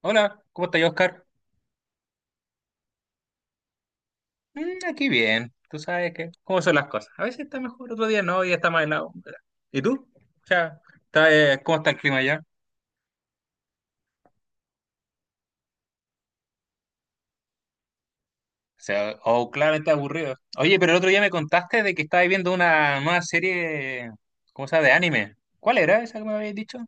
Hola, ¿cómo estás, Oscar? Mm, aquí bien, tú sabes que, cómo son las cosas. A veces está mejor, otro día no, y está más helado. ¿Y tú? O sea, está, ¿cómo está el clima allá? O sea, oh, claramente aburrido. Oye, pero el otro día me contaste de que estabas viendo una nueva serie, ¿cómo se llama? De anime. ¿Cuál era esa que me habías dicho?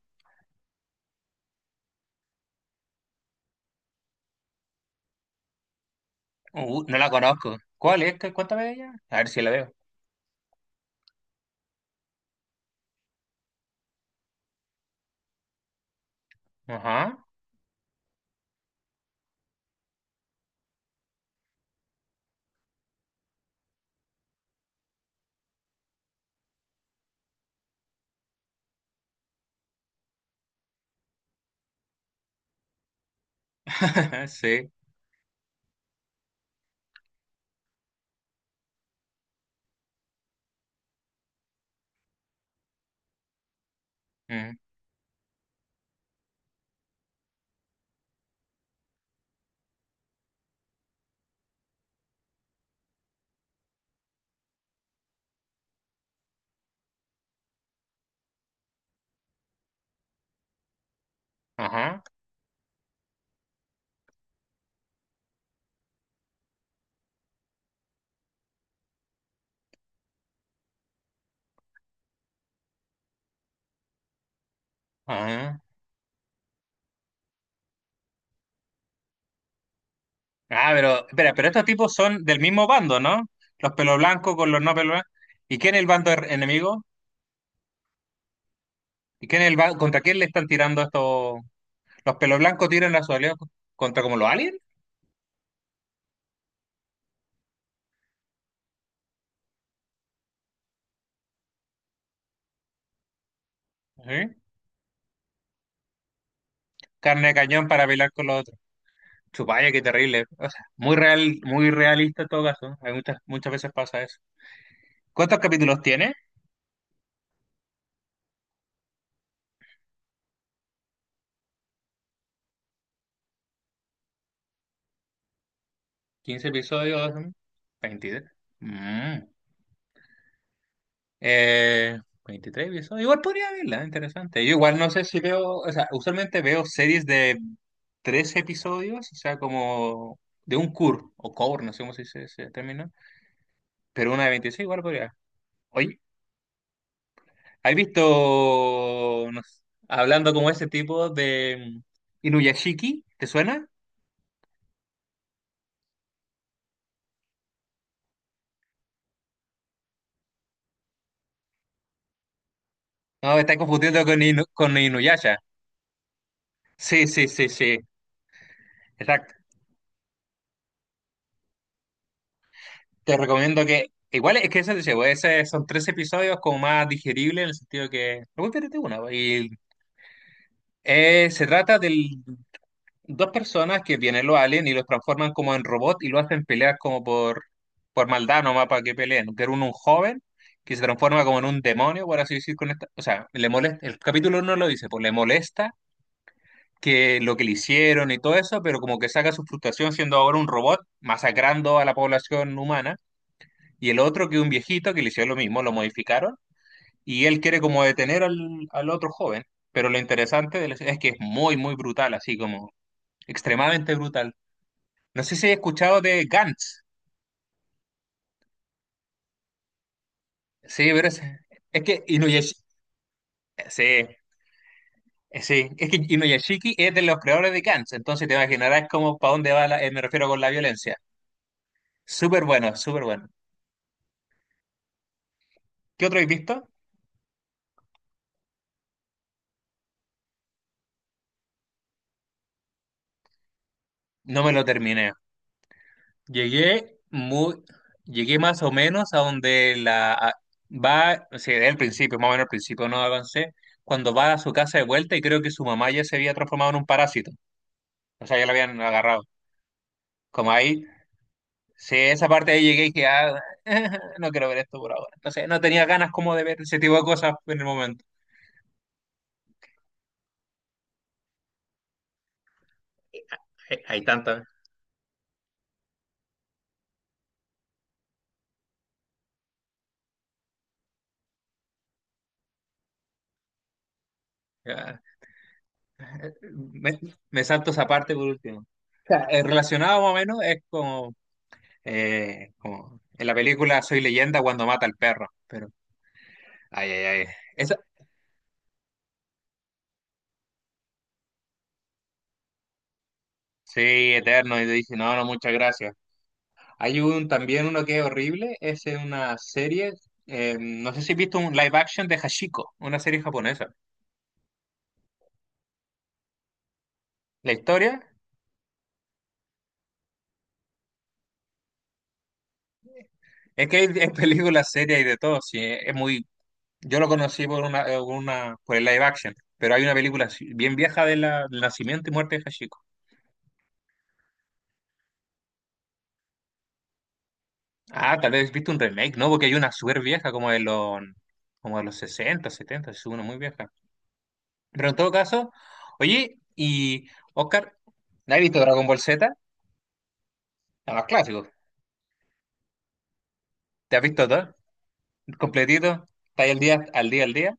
No la conozco. ¿Cuál es? Cuéntame de ella. A ver si la veo. Ajá, sí. Mm, ajá, ajá. Ah, pero, espera, pero estos tipos son del mismo bando, ¿no? Los pelo blancos con los no pelo blancos. ¿Y quién es el bando enemigo? ¿Y quién es el contra quién le están tirando estos? Los pelo blancos tiran a su aliado contra como los aliens, ¿sí? Carne de cañón para pelear con los otros. Chupalla, qué terrible. O sea, muy real, muy realista en todo caso. Hay muchas, muchas veces pasa eso. ¿Cuántos capítulos tiene? ¿15 episodios? ¿22? Eh, 23 episodios. Igual podría verla, interesante. Yo igual no sé si veo, o sea, usualmente veo series de tres episodios, o sea, como de un cur o core, no sé cómo se dice ese término, pero una de 26 igual podría. Oye, ¿has visto, no sé, hablando como ese tipo de Inuyashiki? ¿Te suena? No, me estás confundiendo con, con Inuyasha. Sí, sí, sí, sí, exacto. Te recomiendo que, igual es que eso te llevo, ese son tres episodios como más digeribles en el sentido que, no espérate una, y se trata de dos personas que vienen los aliens y los transforman como en robot y lo hacen pelear como por maldad nomás para que peleen, que era un joven que se transforma como en un demonio, por así decir, con esta, o sea, le molesta, el capítulo uno lo dice, pues le molesta que lo que le hicieron y todo eso, pero como que saca su frustración siendo ahora un robot masacrando a la población humana y el otro que un viejito que le hicieron lo mismo, lo modificaron, y él quiere como detener al otro joven, pero lo interesante de es que es muy, muy brutal, así como extremadamente brutal. No sé si he escuchado de Gantz, sí, pero es que Inuyashiki, sí, sí, es que Inuyashiki es de los creadores de Gantz, entonces te imaginarás como para dónde va, me refiero con la violencia. Súper bueno, súper bueno. ¿Qué otro has visto? No me lo terminé. Llegué muy, llegué más o menos a donde va, o sea, del principio, más o menos al principio no avancé, cuando va a su casa de vuelta y creo que su mamá ya se había transformado en un parásito, o sea, ya la habían agarrado. Como ahí, sí, esa parte ahí llegué y dije, ah, no quiero ver esto por ahora. Entonces, no tenía ganas como de ver ese tipo de cosas en el momento. Hay tantas. ah, eh, Me, me salto esa parte por último. O sea, relacionado más o menos es como en la película Soy Leyenda cuando mata al perro, pero ay, ay, ay. Esa, sí, eterno, y te dice, no, no, muchas gracias. Hay un también uno que es horrible, es en una serie, no sé si has visto un live action de Hashiko, una serie japonesa. La historia es que hay, hay películas, series y de todo, sí, es muy, yo lo conocí por una, por el live action, pero hay una película así, bien vieja de la, del nacimiento y muerte de Hashiko. Ah, tal vez viste un remake, ¿no? Porque hay una súper vieja, como de los 60, 70, es una muy vieja. Pero en todo caso, oye, y Oscar, ¿has visto Dragon Ball Z? La más clásico. ¿Te has visto todo? Completito. ¿Está ahí al día, al día, al día?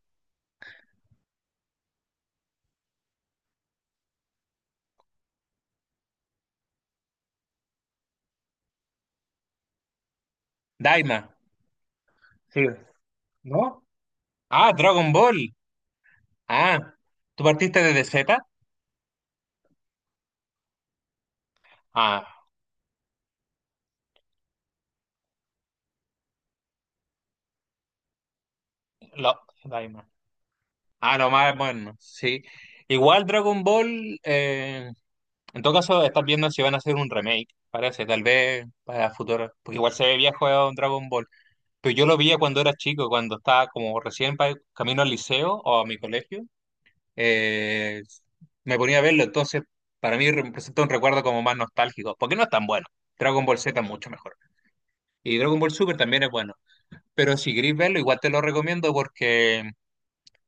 Daima. Sí. ¿No? Ah, Dragon Ball. Ah, ¿tú partiste desde Z? Ah, lo, Daima. Ah, lo más bueno, sí. Igual Dragon Ball. En todo caso, estás viendo si van a hacer un remake, parece, tal vez para futuro, porque igual se ve viejo a un Dragon Ball. Pero yo lo veía cuando era chico, cuando estaba como recién camino al liceo o a mi colegio, eh, me ponía a verlo, entonces para mí representa un recuerdo como más nostálgico, porque no es tan bueno. Dragon Ball Z es mucho mejor. Y Dragon Ball Super también es bueno. Pero si queréis verlo, igual te lo recomiendo porque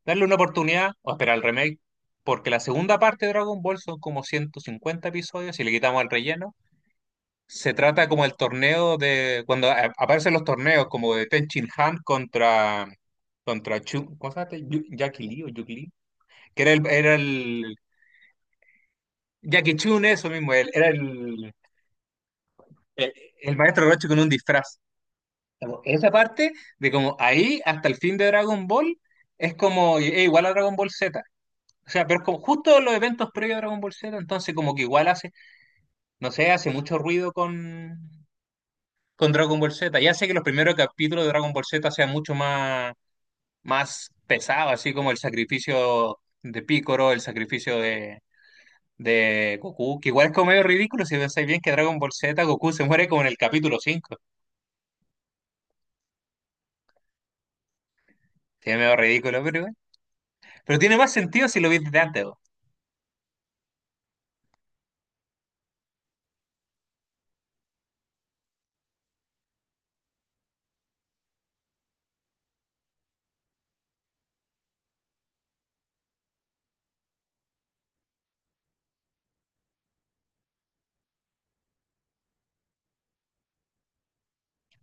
darle una oportunidad o esperar el remake, porque la segunda parte de Dragon Ball son como 150 episodios, si le quitamos el relleno. Se trata como el torneo de, cuando aparecen los torneos, como de Ten Shin Han contra, Chu, ¿cómo se llama este? Jackie Lee o Yuki Lee, que era el, Jackie Chun, eso mismo, él, era el, el, el maestro Roshi con un disfraz. Como esa parte de como ahí hasta el fin de Dragon Ball es como igual a Dragon Ball Z. O sea, pero es como justo los eventos previos a Dragon Ball Z, entonces como que igual hace, no sé, hace mucho ruido con Dragon Ball Z. Ya sé que los primeros capítulos de Dragon Ball Z sean mucho más pesados, así como el sacrificio de Piccolo, el sacrificio de Goku, que igual es como medio ridículo si pensáis bien que Dragon Ball Z Goku se muere como en el capítulo 5. Sí, es medio ridículo, pero igual. Pero tiene más sentido si lo viste de antes. Po.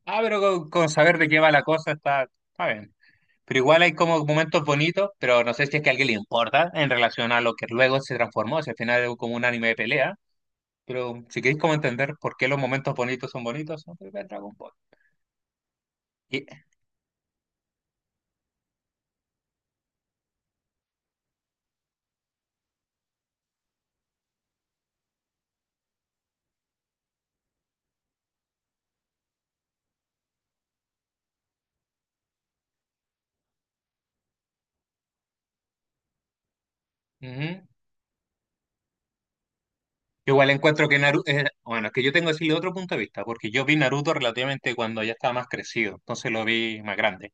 Ah, pero con saber de qué va la cosa está bien. Pero igual hay como momentos bonitos, pero no sé si es que a alguien le importa en relación a lo que luego se transformó, si al final es como un anime de pelea. Pero si queréis como entender por qué los momentos bonitos son bonitos, no ver Dragon Ball. Y- ujú. Yo igual encuentro que Naruto, bueno, es que yo tengo que decirle otro punto de vista, porque yo vi Naruto relativamente cuando ya estaba más crecido, entonces lo vi más grande.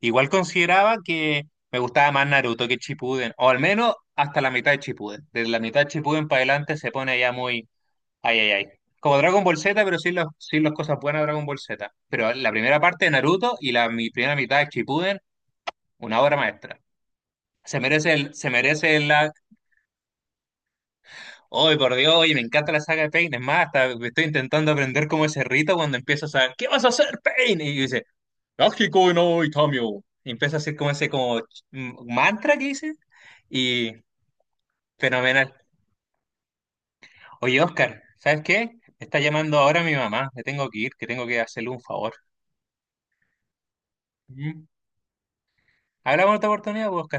Igual consideraba que me gustaba más Naruto que Shippuden, o al menos hasta la mitad de Shippuden. Desde la mitad de Shippuden para adelante se pone ya muy, ay, ay, ay. Como Dragon Ball Z, pero sin las cosas buenas de Dragon Ball Z. Pero la primera parte de Naruto y la mi primera mitad de Shippuden, una obra maestra. Se merece el lag. Hoy, por Dios, oye, me encanta la saga de Pain. Es más, hasta estoy intentando aprender cómo es Rita cuando empiezas a, ¿qué vas a hacer, Pain? Y dice, Akiko no Itamio. Y empieza a hacer como ese como mantra que dice. Y fenomenal. Oye, Oscar, ¿sabes qué? Me está llamando ahora mi mamá. Me tengo que ir, que tengo que hacerle un favor. Ujú. Hablamos en otra oportunidad, pues, Oscar.